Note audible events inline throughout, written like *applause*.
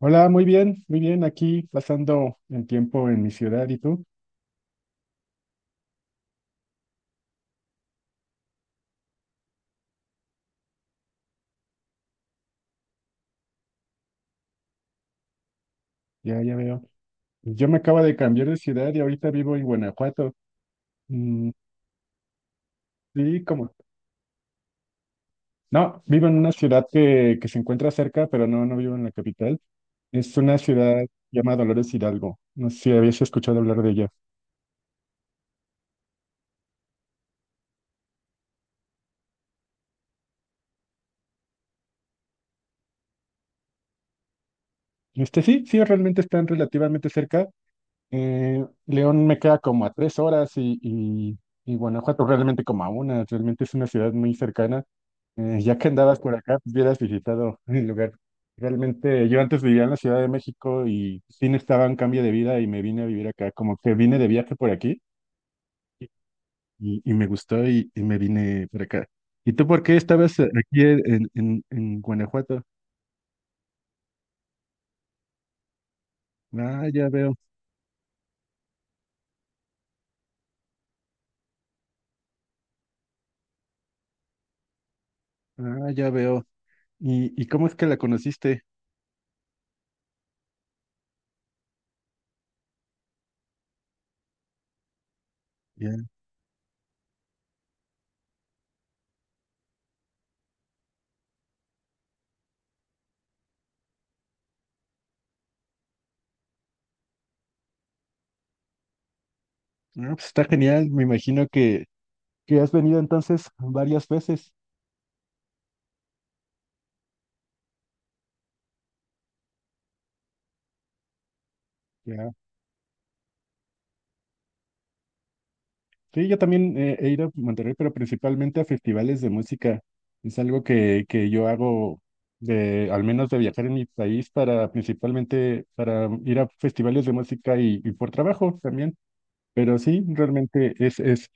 Hola, muy bien, muy bien. Aquí pasando el tiempo en mi ciudad, ¿y tú? Ya, ya veo. Yo me acabo de cambiar de ciudad y ahorita vivo en Guanajuato. Mm, sí, como. No, vivo en una ciudad que se encuentra cerca, pero no, no vivo en la capital. Es una ciudad llamada Dolores Hidalgo. No sé si habías escuchado hablar de ella. Sí, sí, realmente están relativamente cerca. León me queda como a 3 horas y Guanajuato realmente como a una, realmente es una ciudad muy cercana. Ya que andabas por acá, pues hubieras visitado *laughs* el lugar. Realmente yo antes vivía en la Ciudad de México y sí necesitaba un cambio de vida y me vine a vivir acá, como que vine de viaje por aquí y me gustó y me vine por acá. ¿Y tú por qué estabas aquí en Guanajuato? Ah, ya veo, ah, ya veo. Y ¿cómo es que la conociste? Ah, pues está genial, me imagino que has venido entonces varias veces. Ya. Sí, yo también he ido a Monterrey, pero principalmente a festivales de música. Es algo que yo hago de, al menos de viajar en mi país para principalmente para ir a festivales de música y por trabajo también. Pero sí, realmente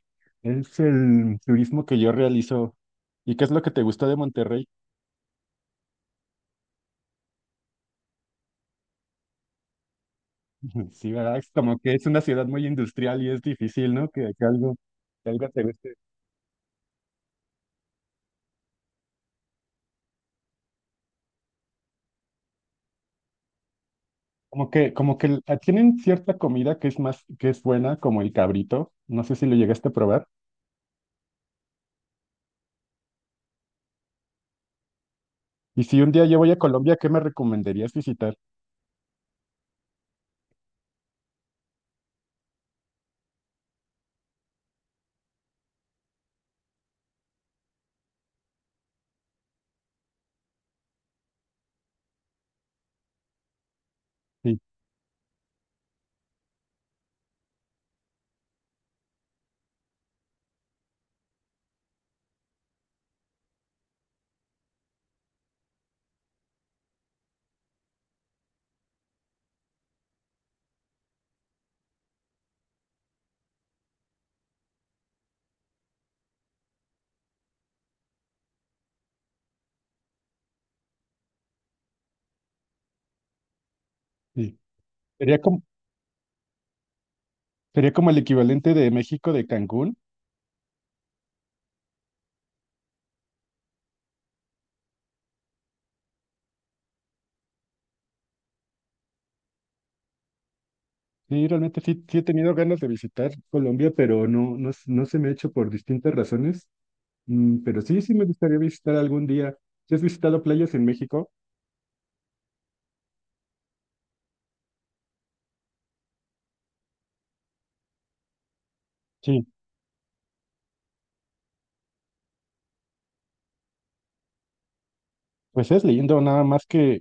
es el turismo que yo realizo. ¿Y qué es lo que te gustó de Monterrey? Sí, ¿verdad? Es como que es una ciudad muy industrial y es difícil, ¿no? Que algo te guste. Como que tienen cierta comida que es más, que es buena, como el cabrito. No sé si lo llegaste a probar. Y si un día yo voy a Colombia, ¿qué me recomendarías visitar? Sí, sí. Sería como, sería como el equivalente de México de Cancún. Sí, realmente sí, sí he tenido ganas de visitar Colombia, pero no se me ha hecho por distintas razones. Pero sí, sí me gustaría visitar algún día. ¿Sí has visitado playas en México? Pues es lindo, nada más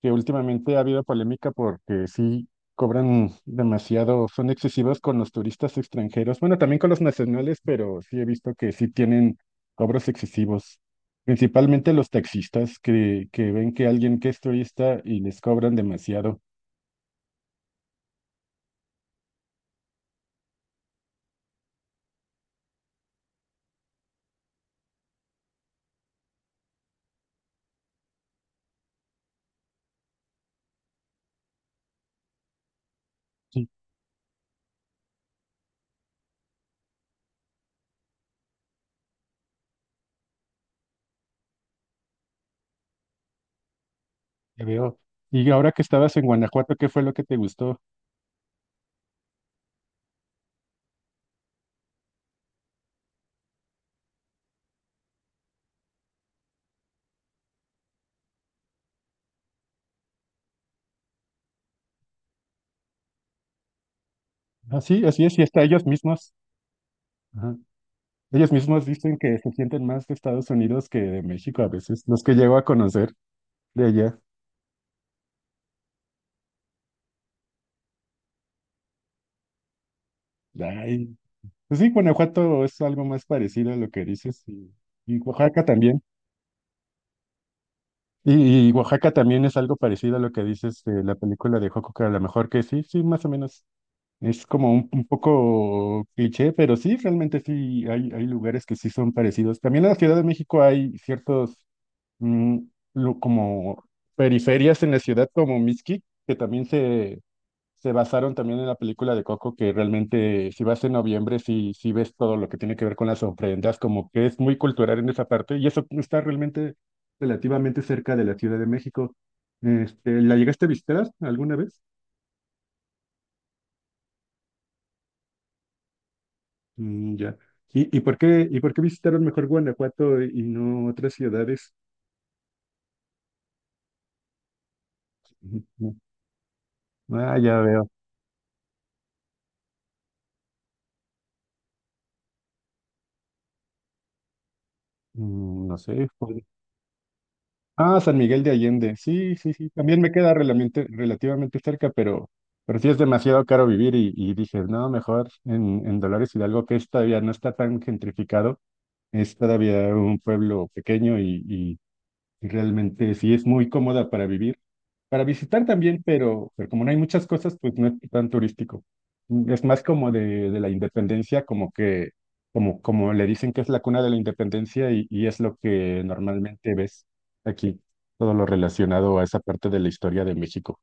que últimamente ha habido polémica porque sí cobran demasiado, son excesivos con los turistas extranjeros, bueno, también con los nacionales, pero sí he visto que sí tienen cobros excesivos, principalmente los taxistas que ven que alguien que es turista y les cobran demasiado. Sí, te veo. Y ahora que estabas en Guanajuato, ¿qué fue lo que te gustó? Así, así es, y hasta ellos mismos. Ajá. Ellos mismos dicen que se sienten más de Estados Unidos que de México a veces, los que llego a conocer. De allá. Ay, pues sí, Guanajuato es algo más parecido a lo que dices y Oaxaca también. Y Oaxaca también es algo parecido a lo que dices de la película de Joco, que a lo mejor que sí, sí, más o menos. Es como un poco cliché, pero sí, realmente sí, hay lugares que sí son parecidos. También en la Ciudad de México hay ciertos, mm, como periferias en la ciudad como Mixquic, que también se basaron también en la película de Coco, que realmente si vas en noviembre, si ves todo lo que tiene que ver con las ofrendas, como que es muy cultural en esa parte, y eso está realmente relativamente cerca de la Ciudad de México. ¿La llegaste a visitar alguna vez? Ya. ¿Y por qué visitaron mejor Guanajuato y no otras ciudades? Ujú. Ah, ya veo. No sé. Ah, San Miguel de Allende. Sí, sí, sí. También me queda relativamente cerca, pero sí es demasiado caro vivir y dije, no, mejor en Dolores Hidalgo, que es todavía no está tan gentrificado. Es todavía un pueblo pequeño y realmente sí es muy cómoda para vivir, para visitar también, pero como no hay muchas cosas, pues no es tan turístico. Es más como de la independencia, como que, como, como le dicen que es la cuna de la independencia y es lo que normalmente ves aquí, todo lo relacionado a esa parte de la historia de México.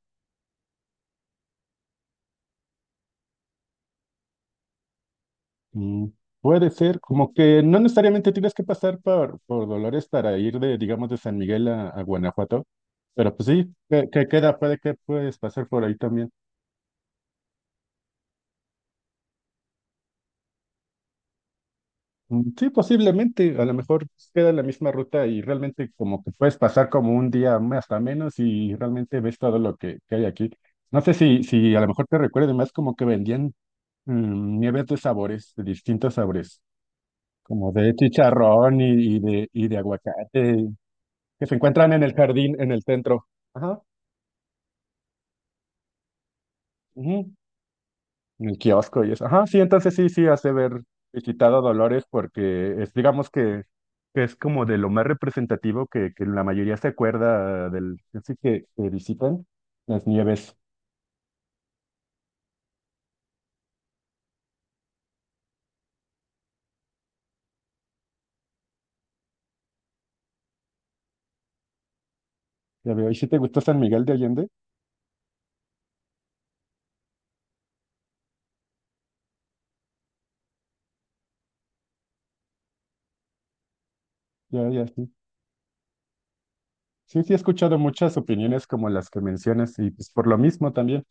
Mm, puede ser, como que no necesariamente tienes que pasar por Dolores para ir de, digamos, de San Miguel a Guanajuato, pero pues sí, que queda, puede que puedes pasar por ahí también. Sí, posiblemente, a lo mejor queda la misma ruta y realmente como que puedes pasar como un día más hasta menos y realmente ves todo lo que hay aquí. No sé si a lo mejor te recuerde más como que vendían nieves de sabores, de distintos sabores, como de chicharrón y de aguacate, que se encuentran en el jardín, en el centro. Ajá. Ujú. En el kiosco y eso. Ajá, sí, entonces sí, hace ver quitado Dolores porque es, digamos que es como de lo más representativo que la mayoría se acuerda del, así que visitan las nieves. Ya veo, ¿y si te gustó San Miguel de Allende? Ya, ya, sí. Sí, sí, he escuchado muchas opiniones como las que mencionas y pues por lo mismo también.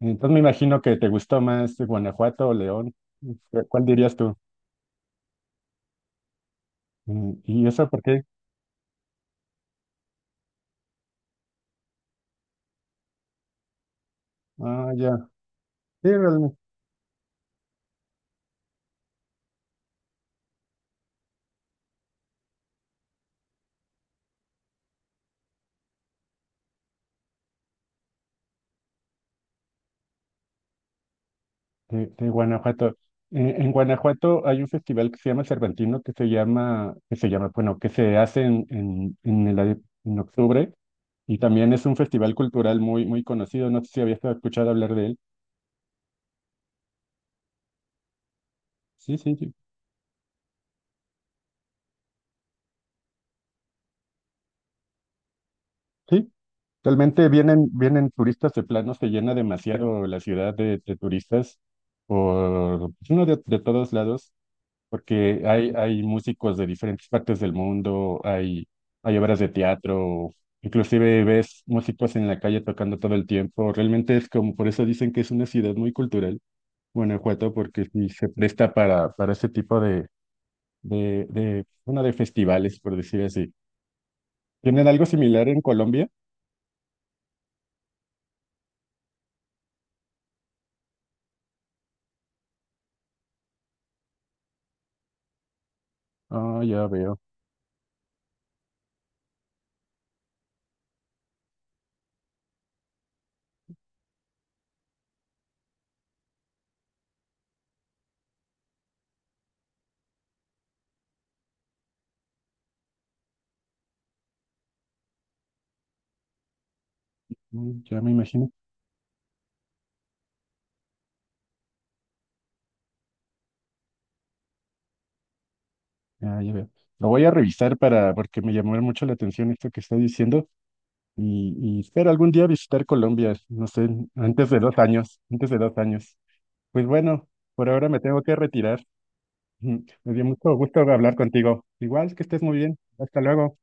Entonces me imagino que te gustó más Guanajuato o León. ¿Cuál dirías tú? ¿Y eso por qué? Ah, ya. Sí, realmente. De, de Guanajuato. En Guanajuato hay un festival que se llama Cervantino, bueno, que se hace en en octubre, y también es un festival cultural muy, muy conocido. No sé si habías escuchado hablar de él. Sí, sí, sí. Sí, realmente vienen, vienen turistas de plano, se llena demasiado la ciudad de turistas por pues, uno de todos lados. Porque hay músicos de diferentes partes del mundo, hay obras de teatro, inclusive ves músicos en la calle tocando todo el tiempo. Realmente es como, por eso dicen que es una ciudad muy cultural, Guanajuato, porque sí se presta para ese tipo de, bueno, de festivales, por decir así. ¿Tienen algo similar en Colombia? Ah, ya veo, ya me imagino, ya, ya veo. Lo voy a revisar para, porque me llamó mucho la atención esto que está diciendo. Y y espero algún día visitar Colombia, no sé, antes de 2 años, antes de 2 años. Pues bueno, por ahora me tengo que retirar. *laughs* Me dio mucho gusto hablar contigo. Igual que estés muy bien. Hasta luego.